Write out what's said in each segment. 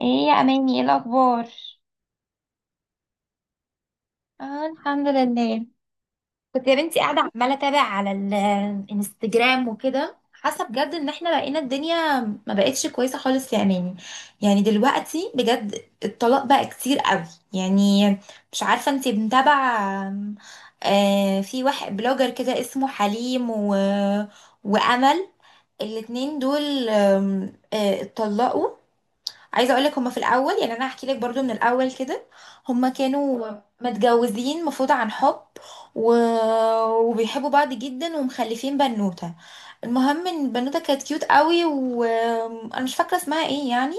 ايه يا اماني؟ ايه الاخبار؟ اه، الحمد لله. كنت يا بنتي قاعدة عمالة أتابع على الانستجرام وكده، حاسة بجد إن احنا بقينا الدنيا ما بقتش كويسة خالص يا أماني. يعني دلوقتي بجد الطلاق بقى كتير قوي. يعني، مش عارفة انتي متابعة؟ في واحد بلوجر كده اسمه حليم وأمل. الاتنين دول اتطلقوا. عايزه اقول لك، هما في الاول، يعني انا هحكي لك برضو من الاول كده. هما كانوا متجوزين مفروض عن حب، و... وبيحبوا بعض جدا ومخلفين بنوته. المهم ان البنوته كانت كيوت قوي، وانا مش فاكره اسمها ايه يعني.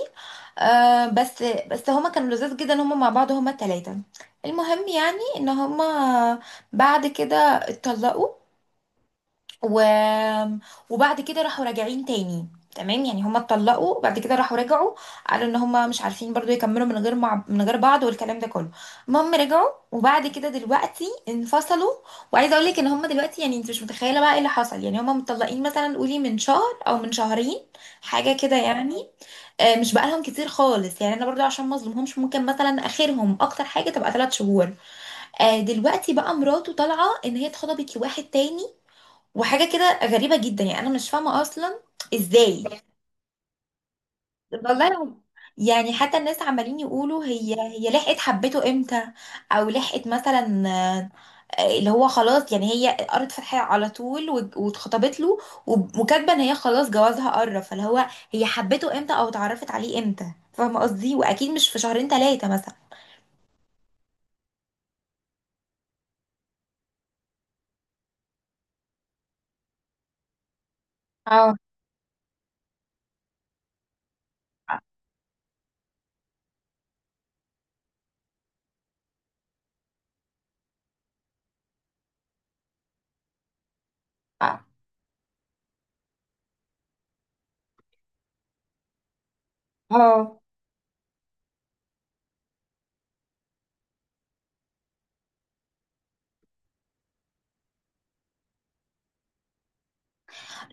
آه، بس هما كانوا لذاذ جدا هما مع بعض، هما التلاتة. المهم يعني ان هما بعد كده اتطلقوا، و... وبعد كده راحوا راجعين تاني. تمام، يعني هما اتطلقوا وبعد كده راحوا رجعوا. قالوا ان هما مش عارفين برضو يكملوا من غير بعض والكلام ده كله. المهم رجعوا وبعد كده دلوقتي انفصلوا. وعايزه اقول لك ان هما دلوقتي، يعني انت مش متخيله بقى ايه اللي حصل. يعني هما متطلقين مثلا، قولي من شهر او من شهرين، حاجه كده يعني. مش بقالهم كتير خالص، يعني انا برضو عشان ما اظلمهمش ممكن مثلا اخرهم اكتر حاجه تبقى ثلاث شهور. دلوقتي بقى مراته طالعه ان هي اتخطبت لواحد تاني. وحاجة كده غريبة جدا، يعني أنا مش فاهمة أصلا إزاي. والله لو- يعني حتى الناس عمالين يقولوا، هي لحقت حبته امتى؟ او لحقت مثلا، اللي هو خلاص يعني هي قرت فتحية على طول واتخطبت له. وكاتبه ان هي خلاص جوازها قرب، فاللي هو هي حبته امتى او اتعرفت عليه امتى؟ فاهمة قصدي؟ واكيد مش في شهرين ثلاثة مثلا. اه. اه. آه.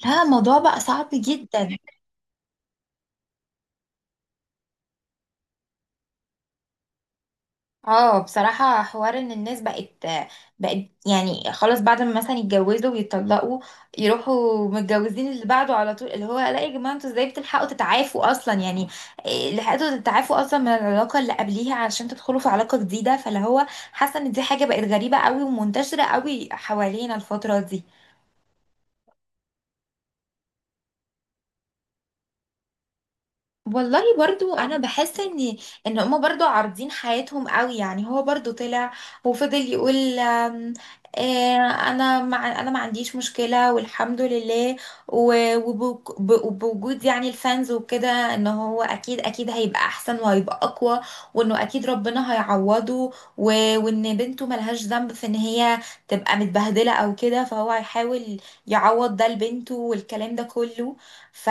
لا، الموضوع بقى صعب جدا. اه، بصراحة حوار ان الناس بقت يعني خلاص، بعد ما مثلا يتجوزوا ويتطلقوا يروحوا متجوزين اللي بعده على طول. اللي هو لا يا جماعة، انتوا ازاي بتلحقوا تتعافوا اصلا يعني؟ إيه، لحقتوا تتعافوا اصلا من العلاقة اللي قبليها علشان تدخلوا في علاقة جديدة؟ فاللي هو حاسة ان دي حاجة بقت غريبة قوي ومنتشرة قوي حوالينا الفترة دي. والله برضو انا بحس ان ان هما برضو عارضين حياتهم قوي. يعني هو برضو طلع وفضل يقول آه، انا انا ما عنديش مشكلة والحمد لله، وبوجود يعني الفانز وكده، ان هو اكيد اكيد هيبقى احسن وهيبقى اقوى، وانه اكيد ربنا هيعوضه، وان بنته ملهاش ذنب في ان هي تبقى متبهدلة او كده، فهو هيحاول يعوض ده لبنته والكلام ده كله. ف...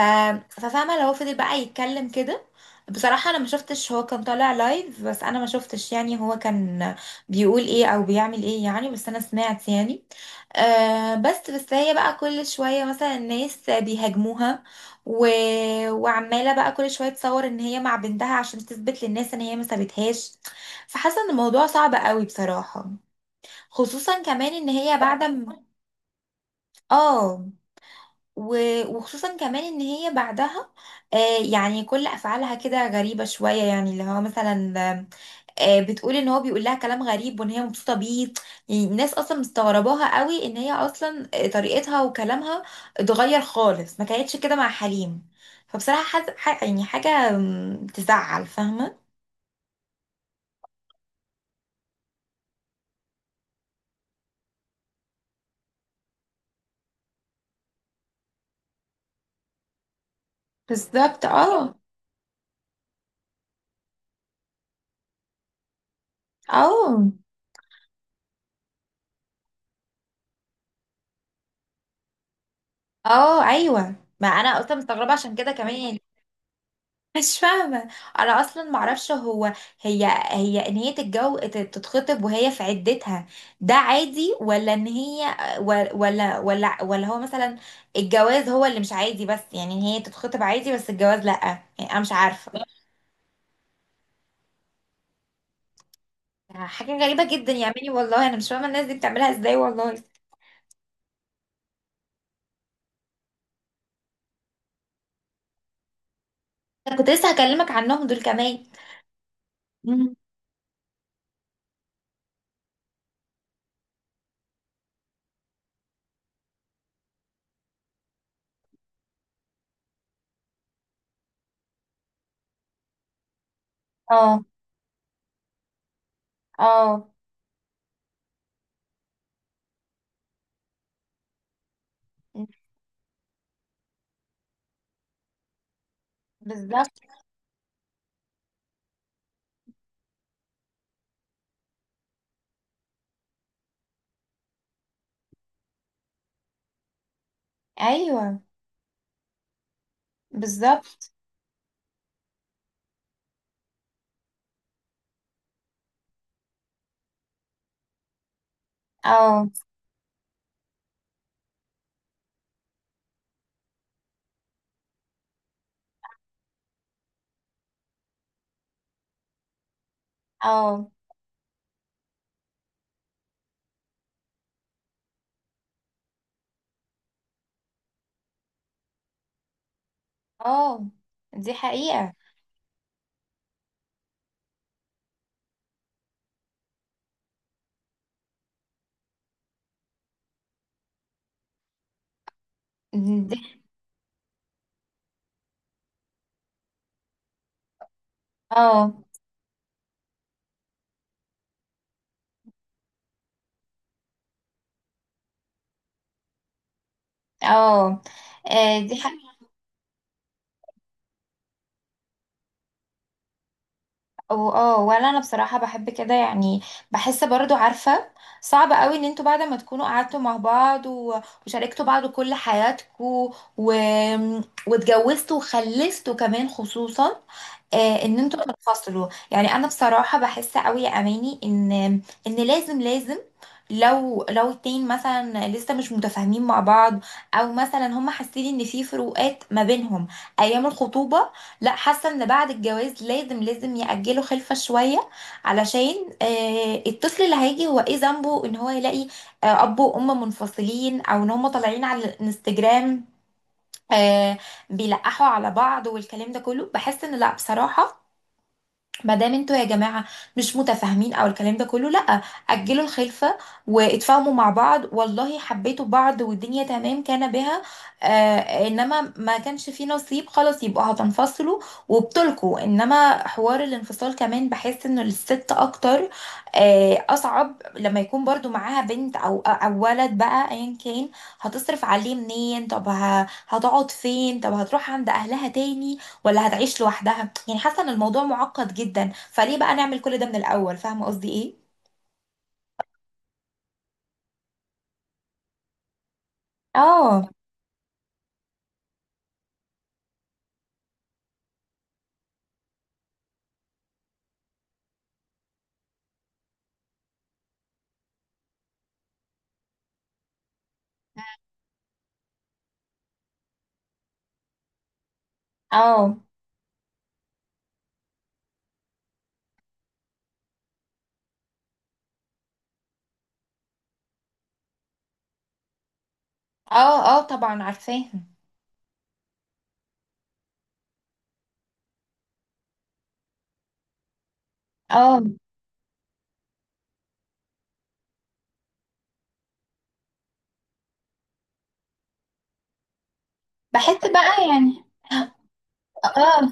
ففاهمه لو هو فضل بقى يتكلم كده. بصراحه انا ما شفتش، هو كان طالع لايف بس انا ما شفتش، يعني هو كان بيقول ايه او بيعمل ايه يعني، بس انا سمعت يعني. آه، بس هي بقى كل شويه مثلا الناس بيهاجموها، و... وعماله بقى كل شويه تصور ان هي مع بنتها عشان تثبت للناس ان هي ما سابتهاش. فحاسه ان الموضوع صعب قوي بصراحه. خصوصا كمان ان هي بعد ما، اه، وخصوصا كمان ان هي بعدها، آه، يعني كل افعالها كده غريبه شويه. يعني اللي هو مثلا، آه، بتقول ان هو بيقول لها كلام غريب وان هي مبسوطه بيه. يعني الناس اصلا مستغرباها قوي ان هي اصلا، طريقتها وكلامها اتغير خالص، ما كانتش كده مع حليم. فبصراحه يعني حاجه تزعل، فاهمه؟ بالظبط. اه. اه. اه، ايوه، ما انا اصلا مستغربه عشان كده كمان يعني. مش فاهمة. أنا أصلا معرفش هو، هي، إن هي تتخطب وهي في عدتها ده عادي؟ ولا إن هي، ولا هو مثلا الجواز هو اللي مش عادي؟ بس يعني إن هي تتخطب عادي بس الجواز لأ؟ يعني أنا مش عارفة. حاجة غريبة جدا يا عمي، والله أنا مش فاهمة الناس دي بتعملها إزاي، والله. أنا كنت لسه هكلمك عنهم دول كمان. مم. اه. اه. بالظبط. ايوه. بالظبط. اه. اه. اه، دي حقيقة. اه. اه. آه، دي حاجة. اه، ولا انا بصراحة بحب كده يعني. بحس برضو، عارفة، صعب قوي ان انتوا بعد ما تكونوا قعدتوا مع بعض وشاركتوا بعض كل حياتكم، و... واتجوزتوا وخلفتوا كمان، خصوصا، ان انتوا تنفصلوا. يعني انا بصراحه بحس قوي يا اماني ان ان لازم لازم، لو اتنين مثلا لسه مش متفاهمين مع بعض، او مثلا هم حاسين ان في فروقات ما بينهم ايام الخطوبه، لا، حاسه ان بعد الجواز لازم لازم يأجلوا خلفه شويه، علشان، الطفل اللي هيجي هو ايه ذنبه ان هو يلاقي، اب وام منفصلين، او ان هم طالعين على الانستجرام، آه، بيلقحوا على بعض والكلام ده كله. بحس ان لا، بصراحه ما دام انتوا يا جماعه مش متفاهمين او الكلام ده كله لا، اجلوا الخلفه واتفاهموا مع بعض. والله حبيتوا بعض والدنيا تمام كان بها، آه، انما ما كانش في نصيب خلاص يبقوا هتنفصلوا وبتلكوا. انما حوار الانفصال كمان بحس انه للست اكتر، آه، اصعب لما يكون برضو معاها بنت او ولد بقى ايا كان. هتصرف عليه منين؟ طب هتقعد فين؟ طب هتروح عند اهلها تاني ولا هتعيش لوحدها؟ يعني حاسه ان الموضوع معقد جدا، فليه بقى نعمل كل ده من الاول؟ فاهمه قصدي ايه؟ اه. اه. اه، اه طبعا عارفاها. اه. بحس بقى يعني، اه.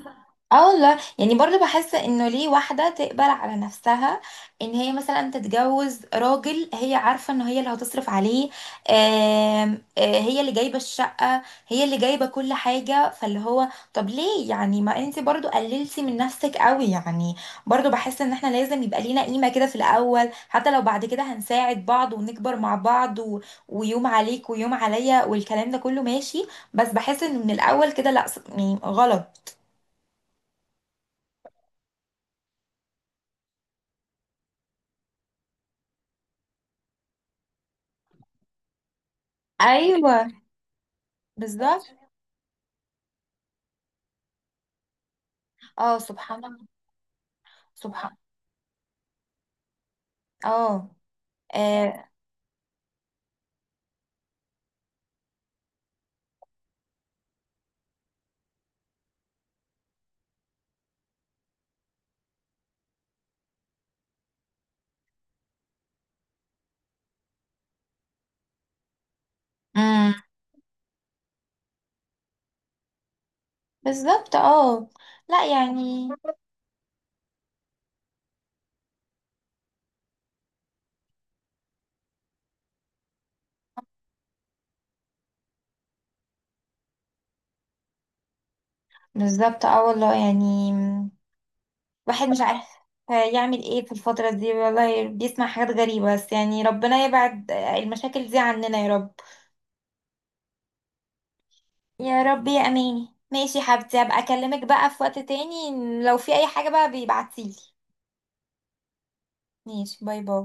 اه والله يعني، برضو بحس انه ليه واحدة تقبل على نفسها ان هي مثلا تتجوز راجل هي عارفة ان هي اللي هتصرف عليه، هي اللي جايبة الشقة، هي اللي جايبة كل حاجة. فاللي هو طب ليه يعني؟ ما انت برضو قللتي من نفسك قوي يعني. برضو بحس ان احنا لازم يبقى لينا قيمة كده في الاول، حتى لو بعد كده هنساعد بعض ونكبر مع بعض ويوم عليك ويوم عليا والكلام ده كله ماشي، بس بحس انه من الاول كده لا، يعني غلط. ايوه. بالظبط. اه، سبحان الله. سبحان. اه. آه. امم. بالظبط. اه، لا يعني. بالظبط. اه والله يعني، واحد مش عارف يعمل ايه في الفترة دي، والله بيسمع حاجات غريبة، بس يعني ربنا يبعد المشاكل دي عننا يا رب. يا رب. يا اماني، ماشي يا حبيبتي، هبقى اكلمك بقى في وقت تاني. لو في اي حاجة بقى بيبعتيلي. ماشي، باي باي.